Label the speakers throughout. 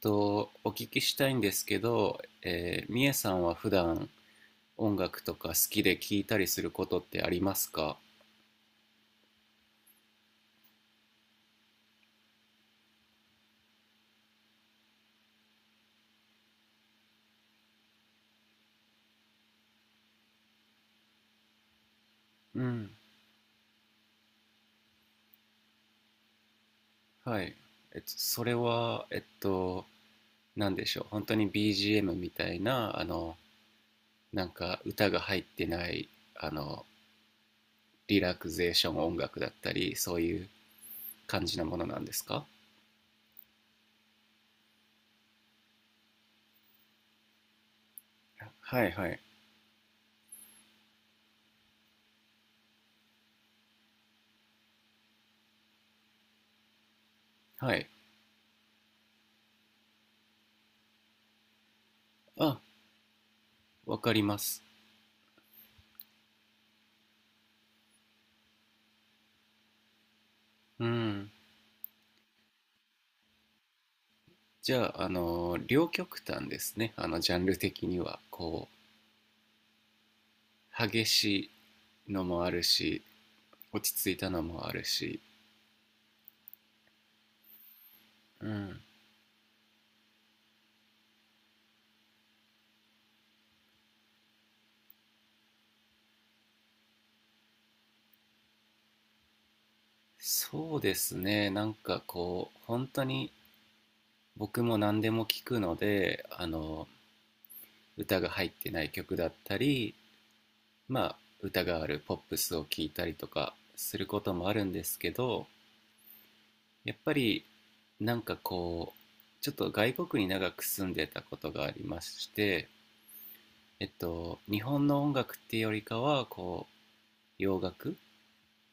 Speaker 1: お聞きしたいんですけど、みえさんは普段音楽とか好きで聴いたりすることってありますか？うん、はい。それは、なんでしょう、本当に BGM みたいな、なんか歌が入ってない、あの、リラクゼーション音楽だったり、そういう感じなものなんですか？はいはい。はい。あ、わかります。うん。じゃあ、両極端ですね。ジャンル的には。こう、激しいのもあるし、落ち着いたのもあるし。うん。そうですね。なんかこう、本当に僕も何でも聞くので、歌が入ってない曲だったり、まあ、歌があるポップスを聞いたりとかすることもあるんですけど、やっぱりなんかこう、ちょっと外国に長く住んでたことがありまして、えっと日本の音楽っていうよりかはこう洋楽、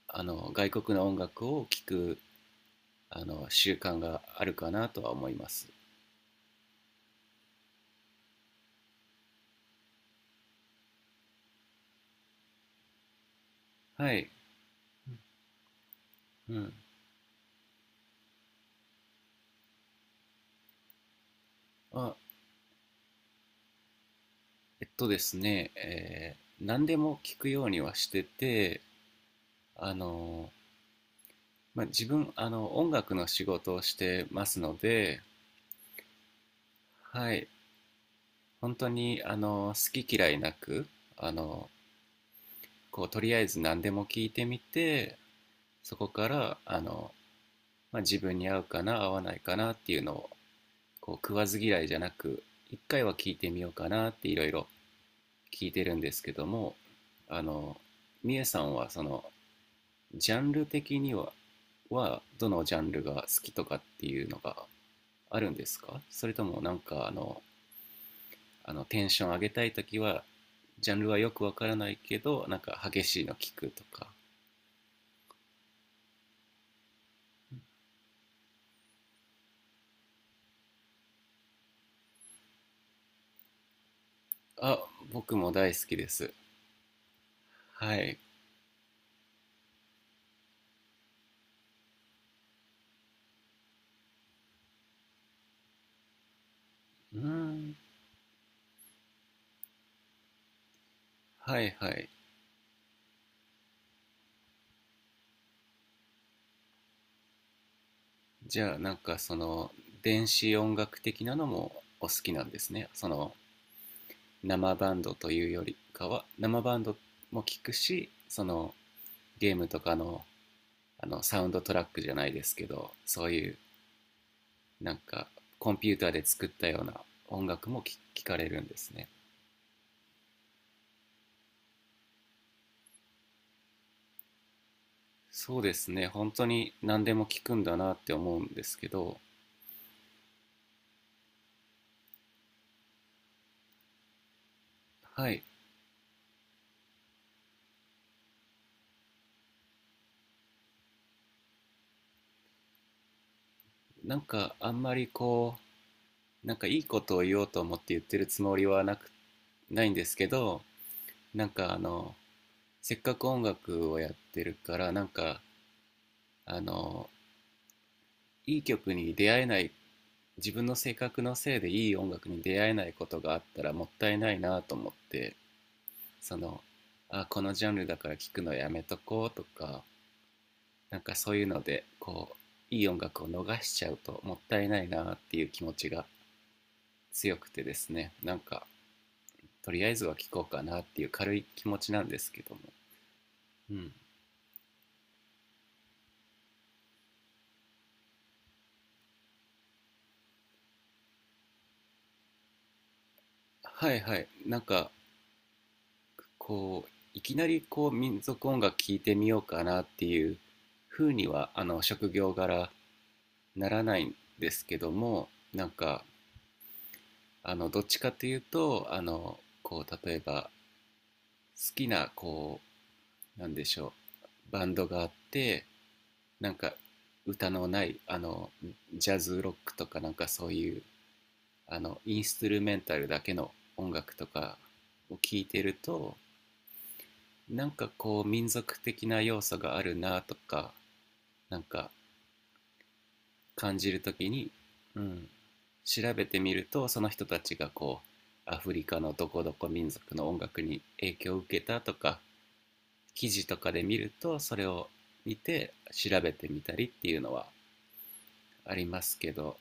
Speaker 1: あの外国の音楽を聴くあの習慣があるかなとは思います。はい、うん、まあ、えっとですね、何でも聞くようにはしてて、あの、まあ、自分あの音楽の仕事をしてますので、はい、本当にあの好き嫌いなく、あの、こうとりあえず何でも聞いてみて、そこからあの、まあ、自分に合うかな合わないかなっていうのをこう食わず嫌いじゃなく一回は聞いてみようかなっていろいろ聞いてるんですけども、あのみえさんはそのジャンル的にははどのジャンルが好きとかっていうのがあるんですか？それともなんかあの、あのテンション上げたいときはジャンルはよくわからないけどなんか激しいの聞くとか。あ、僕も大好きです。はい。うーん。はいはい。じゃあなんかその電子音楽的なのもお好きなんですね。その生バンドというよりかは生バンドも聞くし、そのゲームとかのあのサウンドトラックじゃないですけどそういうなんかコンピューターで作ったような音楽も聞かれるんですね。そうですね、本当に何でも聞くんだなって思うんですけど、はい、なんかあんまりなんかいいことを言おうと思って言ってるつもりはなく、ないんですけど、なんかあの、せっかく音楽をやってるから、なんかあの、いい曲に出会えない、自分の性格のせいでいい音楽に出会えないことがあったらもったいないなと思って、その、あ、このジャンルだから聞くのやめとこうとか、なんかそういうのでこういい音楽を逃しちゃうともったいないなっていう気持ちが強くてですね、なんかとりあえずは聴こうかなっていう軽い気持ちなんですけども、うん、はいはい、なんかこういきなりこう民族音楽聴いてみようかなっていう風にはあの職業柄ならないんですけども、なんかあの、どっちかというとあのこう例えば好きななんでしょう、バンドがあって、なんか歌のないあのジャズロックとかなんかそういうあのインストゥルメンタルだけの音楽とかを聴いてると、なんかこう民族的な要素があるなとか、なんか感じるときに、うん、調べてみるとその人たちがこうアフリカのどこどこ民族の音楽に影響を受けたとか記事とかで見るとそれを見て調べてみたりっていうのはありますけど、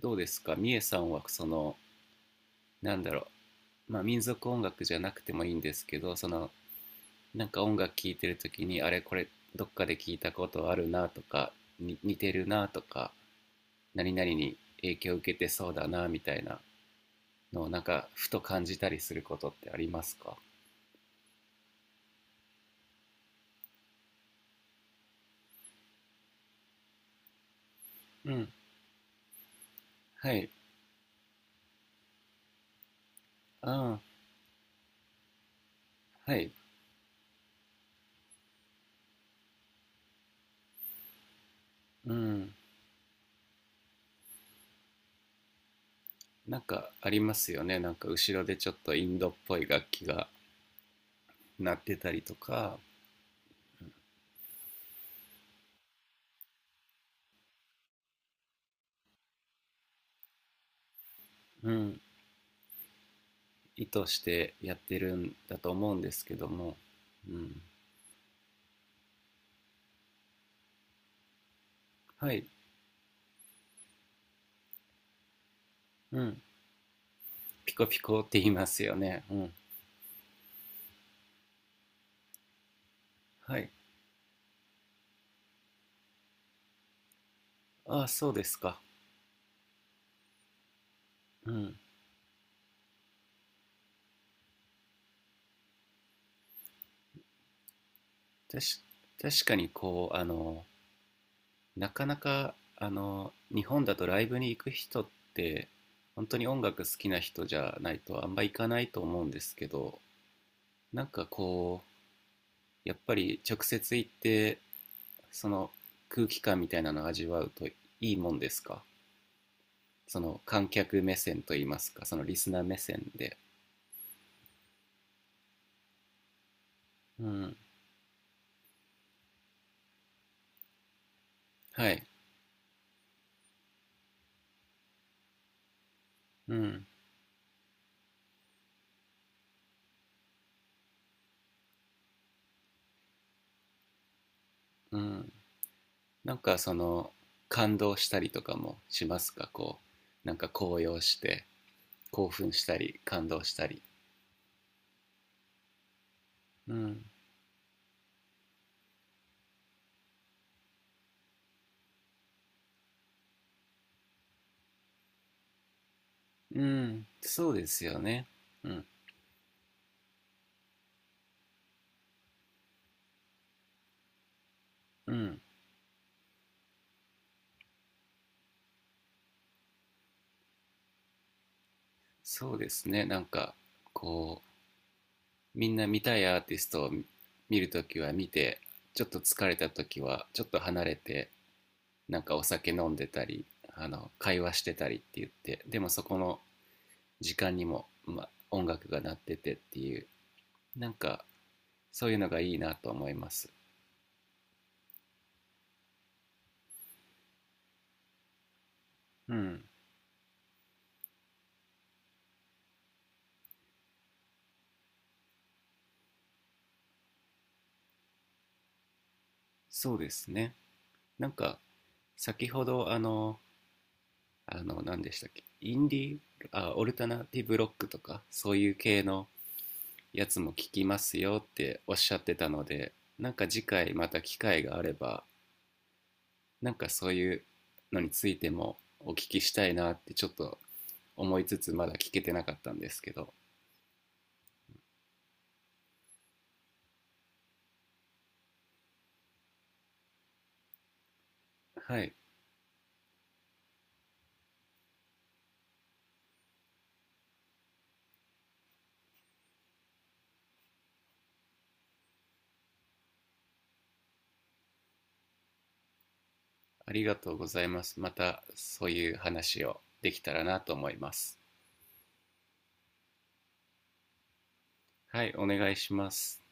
Speaker 1: どうですかみえさんは、そのなんだろう、まあ民族音楽じゃなくてもいいんですけど、そのなんか音楽聴いてる時にあれこれどっかで聞いたことあるなとかに似てるなとか何々に影響を受けてそうだなみたいなのをなんかふと感じたりすることってありますか？うん、はい、ああ、はい、うん、なんかありますよね、なんか後ろでちょっとインドっぽい楽器が鳴ってたりとか。うん、意図してやってるんだと思うんですけども、うん、はい、うん、ピコピコって言いますよね、うん、はい、ああ、そうですか、うん、たし確かにこう、なかなか、日本だとライブに行く人って、本当に音楽好きな人じゃないとあんま行かないと思うんですけど、なんかこう、やっぱり直接行って、その空気感みたいなのを味わうといいもんですか、その観客目線といいますか、そのリスナー目線で、うん、はい、うん、うん、なんかその感動したりとかもしますか、こうなんか高揚して興奮したり感動したり。うん、うん、そうですよね、うん、うん、そうですね、なんかこう、みんな見たいアーティストを見るときは見て、ちょっと疲れたときはちょっと離れて、なんかお酒飲んでたりあの会話してたりって言って、でもそこの時間にも、ま、音楽が鳴っててっていう、なんかそういうのがいいなと思います。うん、そうですね、なんか先ほどあの、あの何でしたっけ、インディーあオルタナティブロックとかそういう系のやつも聞きますよっておっしゃってたので、なんか次回また機会があればなんかそういうのについてもお聞きしたいなってちょっと思いつつまだ聞けてなかったんですけど、はい、ありがとうございます。またそういう話をできたらなと思います。はい、お願いします。